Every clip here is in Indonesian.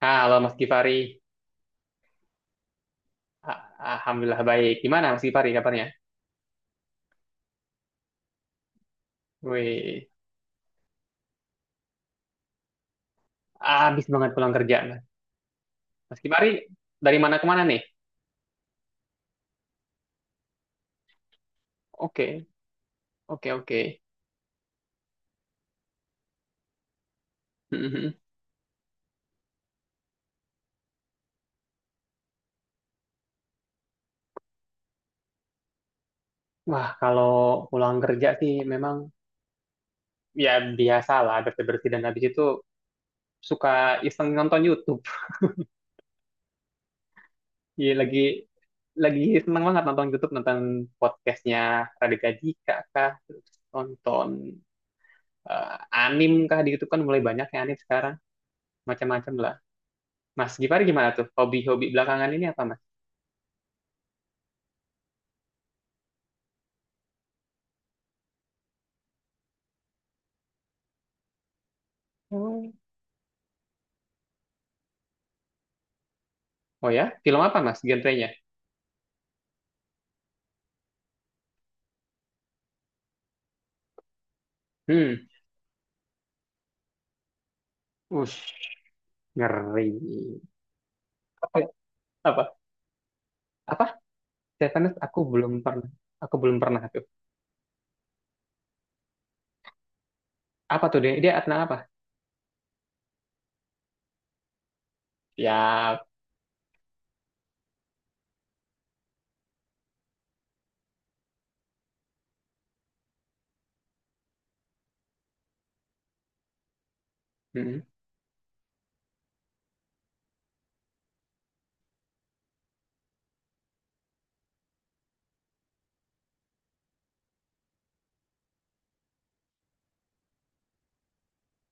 Halo Mas Gifari, A- Alhamdulillah baik. Gimana Mas Gifari kabarnya? Wih, habis banget pulang kerja Mas. Mas Gifari dari mana ke mana nih? Oke, oke, oke. Mhm. Wah, kalau pulang kerja sih memang ya biasalah bersih-bersih dan habis itu suka iseng nonton YouTube. Iya, lagi seneng banget nonton YouTube, nonton podcastnya Raditya Dika kah, terus nonton eh, anim kah di YouTube kan mulai banyak yang anim sekarang, macam-macam lah. Mas Gifari gimana tuh? Hobi-hobi belakangan ini apa, Mas? Oh. Oh ya? Film apa, Mas? Genrenya? Hmm. Ush, ngeri. Apa? Apa? Apa? Stefanus, aku belum pernah. Aku belum pernah tuh. Apa tuh dia? Dia tentang apa? Ya. Hmm.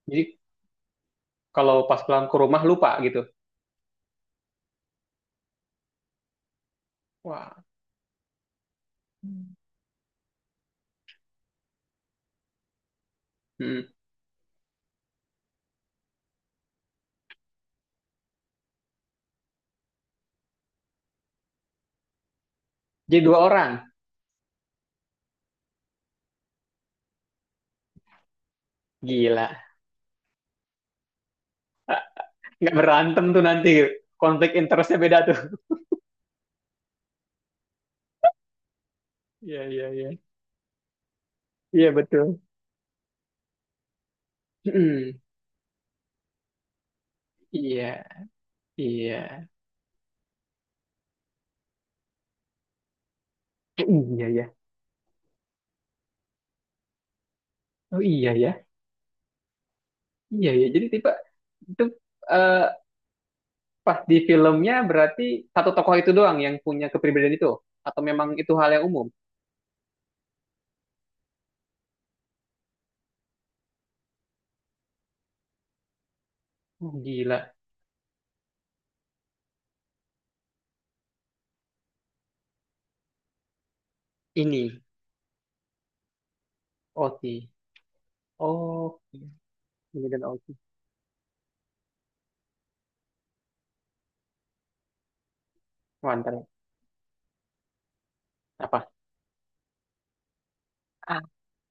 Jadi kalau pas pulang ke rumah lupa gitu. Wah. Hmm. Jadi dua orang. Gila. Nggak berantem tuh nanti. Konflik interestnya beda tuh. Iya, iya, iya. Iya, betul. Mm, iya, iya. Oh, iya, ya. Oh, iya, ya. Iya, ya. Jadi tipe itu, eh, pas di filmnya berarti satu tokoh itu doang yang punya kepribadian itu, atau memang itu hal yang umum? Oh, gila. Ini OT. Oh, ini dan OT. Mantap. Apa?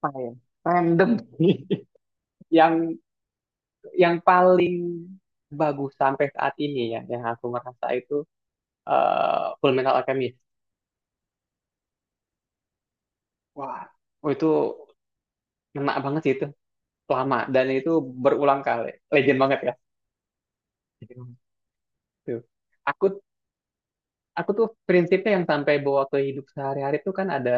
Apa ya? Random. Yang yang paling bagus sampai saat ini ya, yang aku merasa itu, Full Metal Alchemist. Wah, oh itu ngena banget sih itu. Lama dan itu berulang kali. Legend banget ya. Legend banget. Tuh. Aku aku tuh prinsipnya yang sampai bawa ke hidup sehari-hari tuh kan ada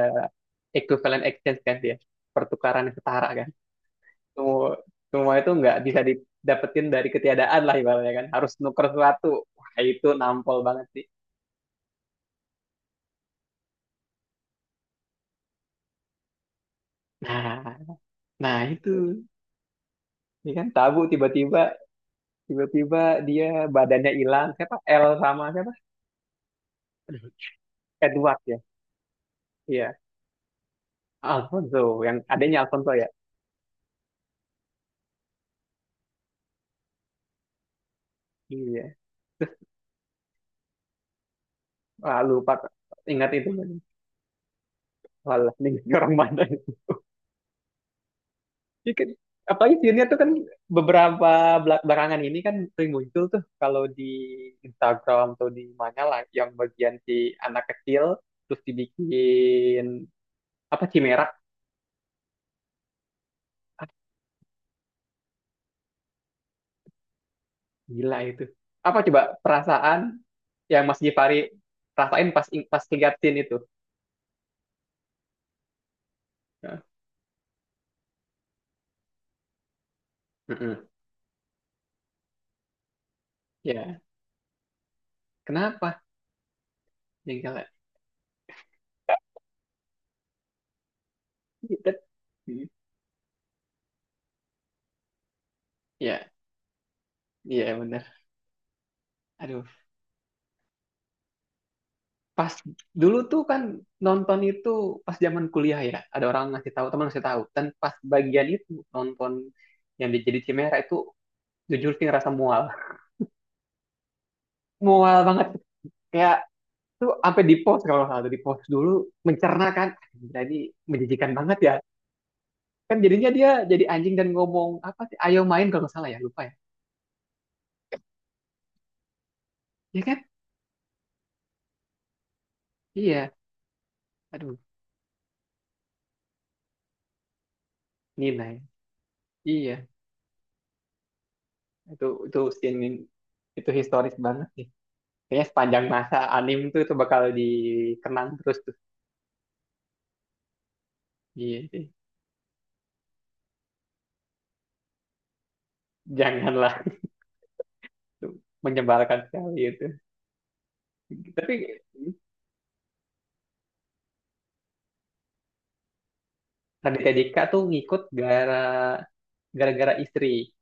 equivalent exchange kan, dia pertukaran yang setara kan, semua semua itu nggak bisa didapetin dari ketiadaan lah, ibaratnya kan harus nuker sesuatu. Wah, itu nampol banget sih. Nah nah itu ya kan. Tabu, tiba-tiba dia badannya hilang. Siapa? L sama siapa? Edward ya. Iya, Alfonso. Yang adanya Alfonso ya. Iya, wah lupa, ingat itu lagi. Walah, ini orang mana. Ya kan, apalagi junior tuh kan beberapa belakangan ini kan sering muncul tuh kalau di Instagram atau di mana lah, yang bagian si anak kecil terus dibikin apa, cimerak. Ah, gila itu. Apa coba perasaan yang Mas Gifari rasain pas pas ngeliatin itu? Nah, mm-mm. Ya, kenapa. Yang jengkelnya. Ya, ya, benar. Aduh, pas dulu tuh kan nonton itu pas zaman kuliah ya, ada orang ngasih tahu, teman ngasih tahu, dan pas bagian itu nonton yang jadi Chimera itu, jujur sih ngerasa mual. Mual banget, kayak tuh sampai di pause kalau nggak salah tuh, di pause dulu, mencerna kan. Jadi menjijikan banget ya kan, jadinya dia jadi anjing dan ngomong apa sih ayo main, kalau nggak salah ya, lupa ya. Ya kan. Iya, aduh, Nina ya. Iya, itu scene itu historis banget sih. Kayaknya sepanjang masa anim tuh itu bakal dikenang terus tuh. Iya sih. Janganlah. Itu menyebalkan sekali itu. Tapi Raditya Dika tuh ngikut gara-gara istri.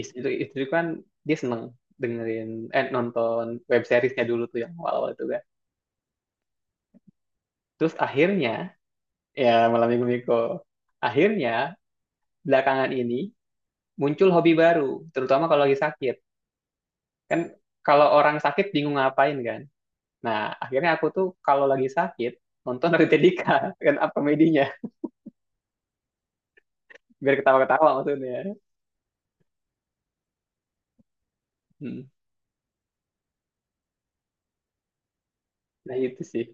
Istri itu kan, dia seneng dengerin eh nonton web seriesnya dulu tuh yang awal-awal itu kan. Terus akhirnya ya, malam minggu minggu akhirnya belakangan ini muncul hobi baru, terutama kalau lagi sakit. Kan kalau orang sakit bingung ngapain kan. Nah, akhirnya aku tuh kalau lagi sakit, nonton dari Dika, kan apa komedinya, biar ketawa-ketawa maksudnya. Hmm. Nah, itu sih.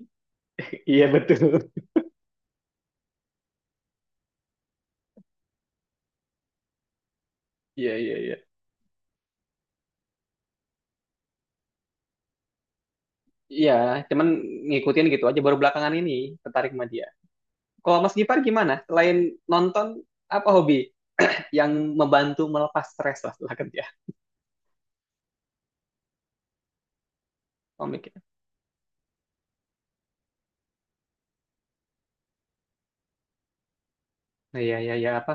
Iya, betul. Iya, iya, iya. Iya, cuman ngikutin gitu aja, baru belakangan ini tertarik sama dia. Kalau Mas Gipar gimana? Selain nonton, apa hobi yang membantu melepas stres lah setelah kerja? Komik ya? Nah, iya, iya, iya, apa?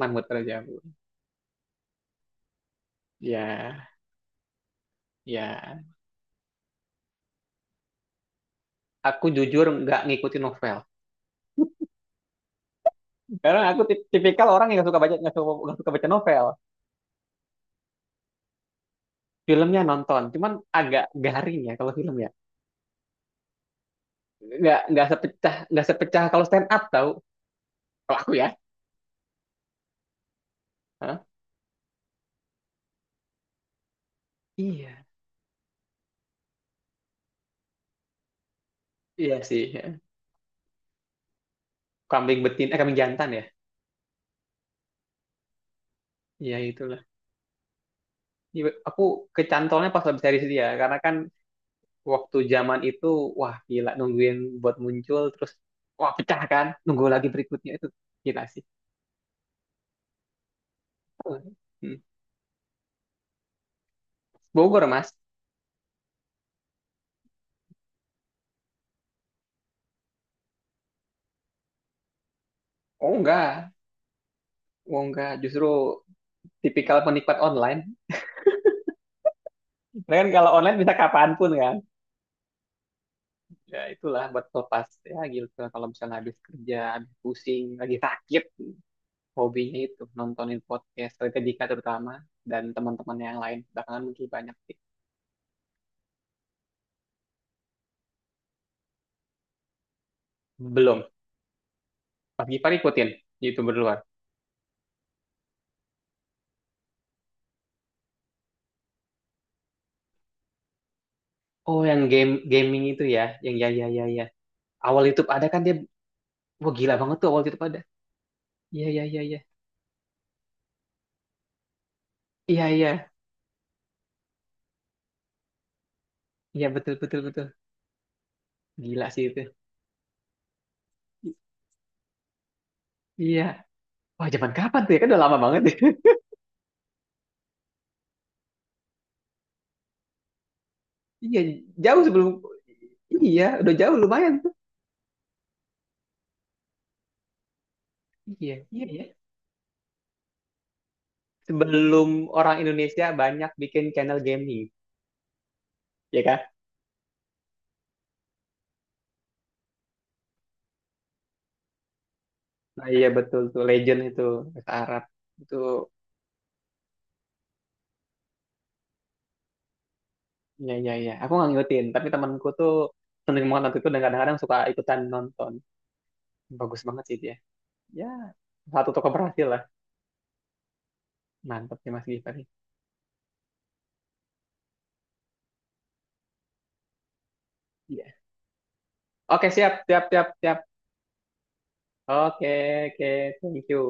Mangut kerja aku. Ya, iya. Aku jujur nggak ngikutin novel. Karena aku tipikal orang yang nggak suka baca novel. Filmnya nonton, cuman agak garing ya kalau film ya, nggak sepecah, kalau stand up tau, kalau aku ya. Hah? Iya. Iya sih ya. Kambing betin eh Kambing Jantan ya. Iya itulah. Iya, aku kecantolnya pas habis series dia, karena kan waktu zaman itu wah gila nungguin buat muncul terus, wah pecah kan nunggu lagi berikutnya itu, gila sih. Hmm. Bogor, Mas. Oh enggak, oh enggak, justru tipikal penikmat online. Mereka kan kalau online bisa kapanpun kan. Ya itulah buat pelepas, ya gitu kalau misalnya habis kerja, habis pusing, lagi sakit, hobinya itu nontonin podcast Raditya Dika terutama, dan teman-teman yang lain belakangan mungkin banyak sih. Belum. Mas Gifar ikutin youtuber luar. Oh, yang game, gaming itu ya, yang, ya, ya, ya, ya, awal YouTube ada kan dia. Wah gila banget tuh awal YouTube ada. Iya, iya, iya, iya. Iya, iya, iya, betul, betul, betul, gila sih itu. Iya, wah zaman kapan tuh ya, kan udah lama banget. Iya, jauh sebelum. Iya, udah jauh lumayan tuh. Iya, iya, ya. Sebelum orang Indonesia banyak bikin channel gaming, ya kan? Nah, iya, betul tuh legend itu, bahasa Arab itu. Ya, ya, ya. Aku nggak ngikutin, tapi temanku tuh seneng banget nonton itu dan kadang-kadang suka ikutan nonton. Bagus banget sih dia. Ya, satu toko berhasil lah. Mantap sih Mas Givari. Iya. Oke, siap, siap, siap, siap. Oke, oke, thank you.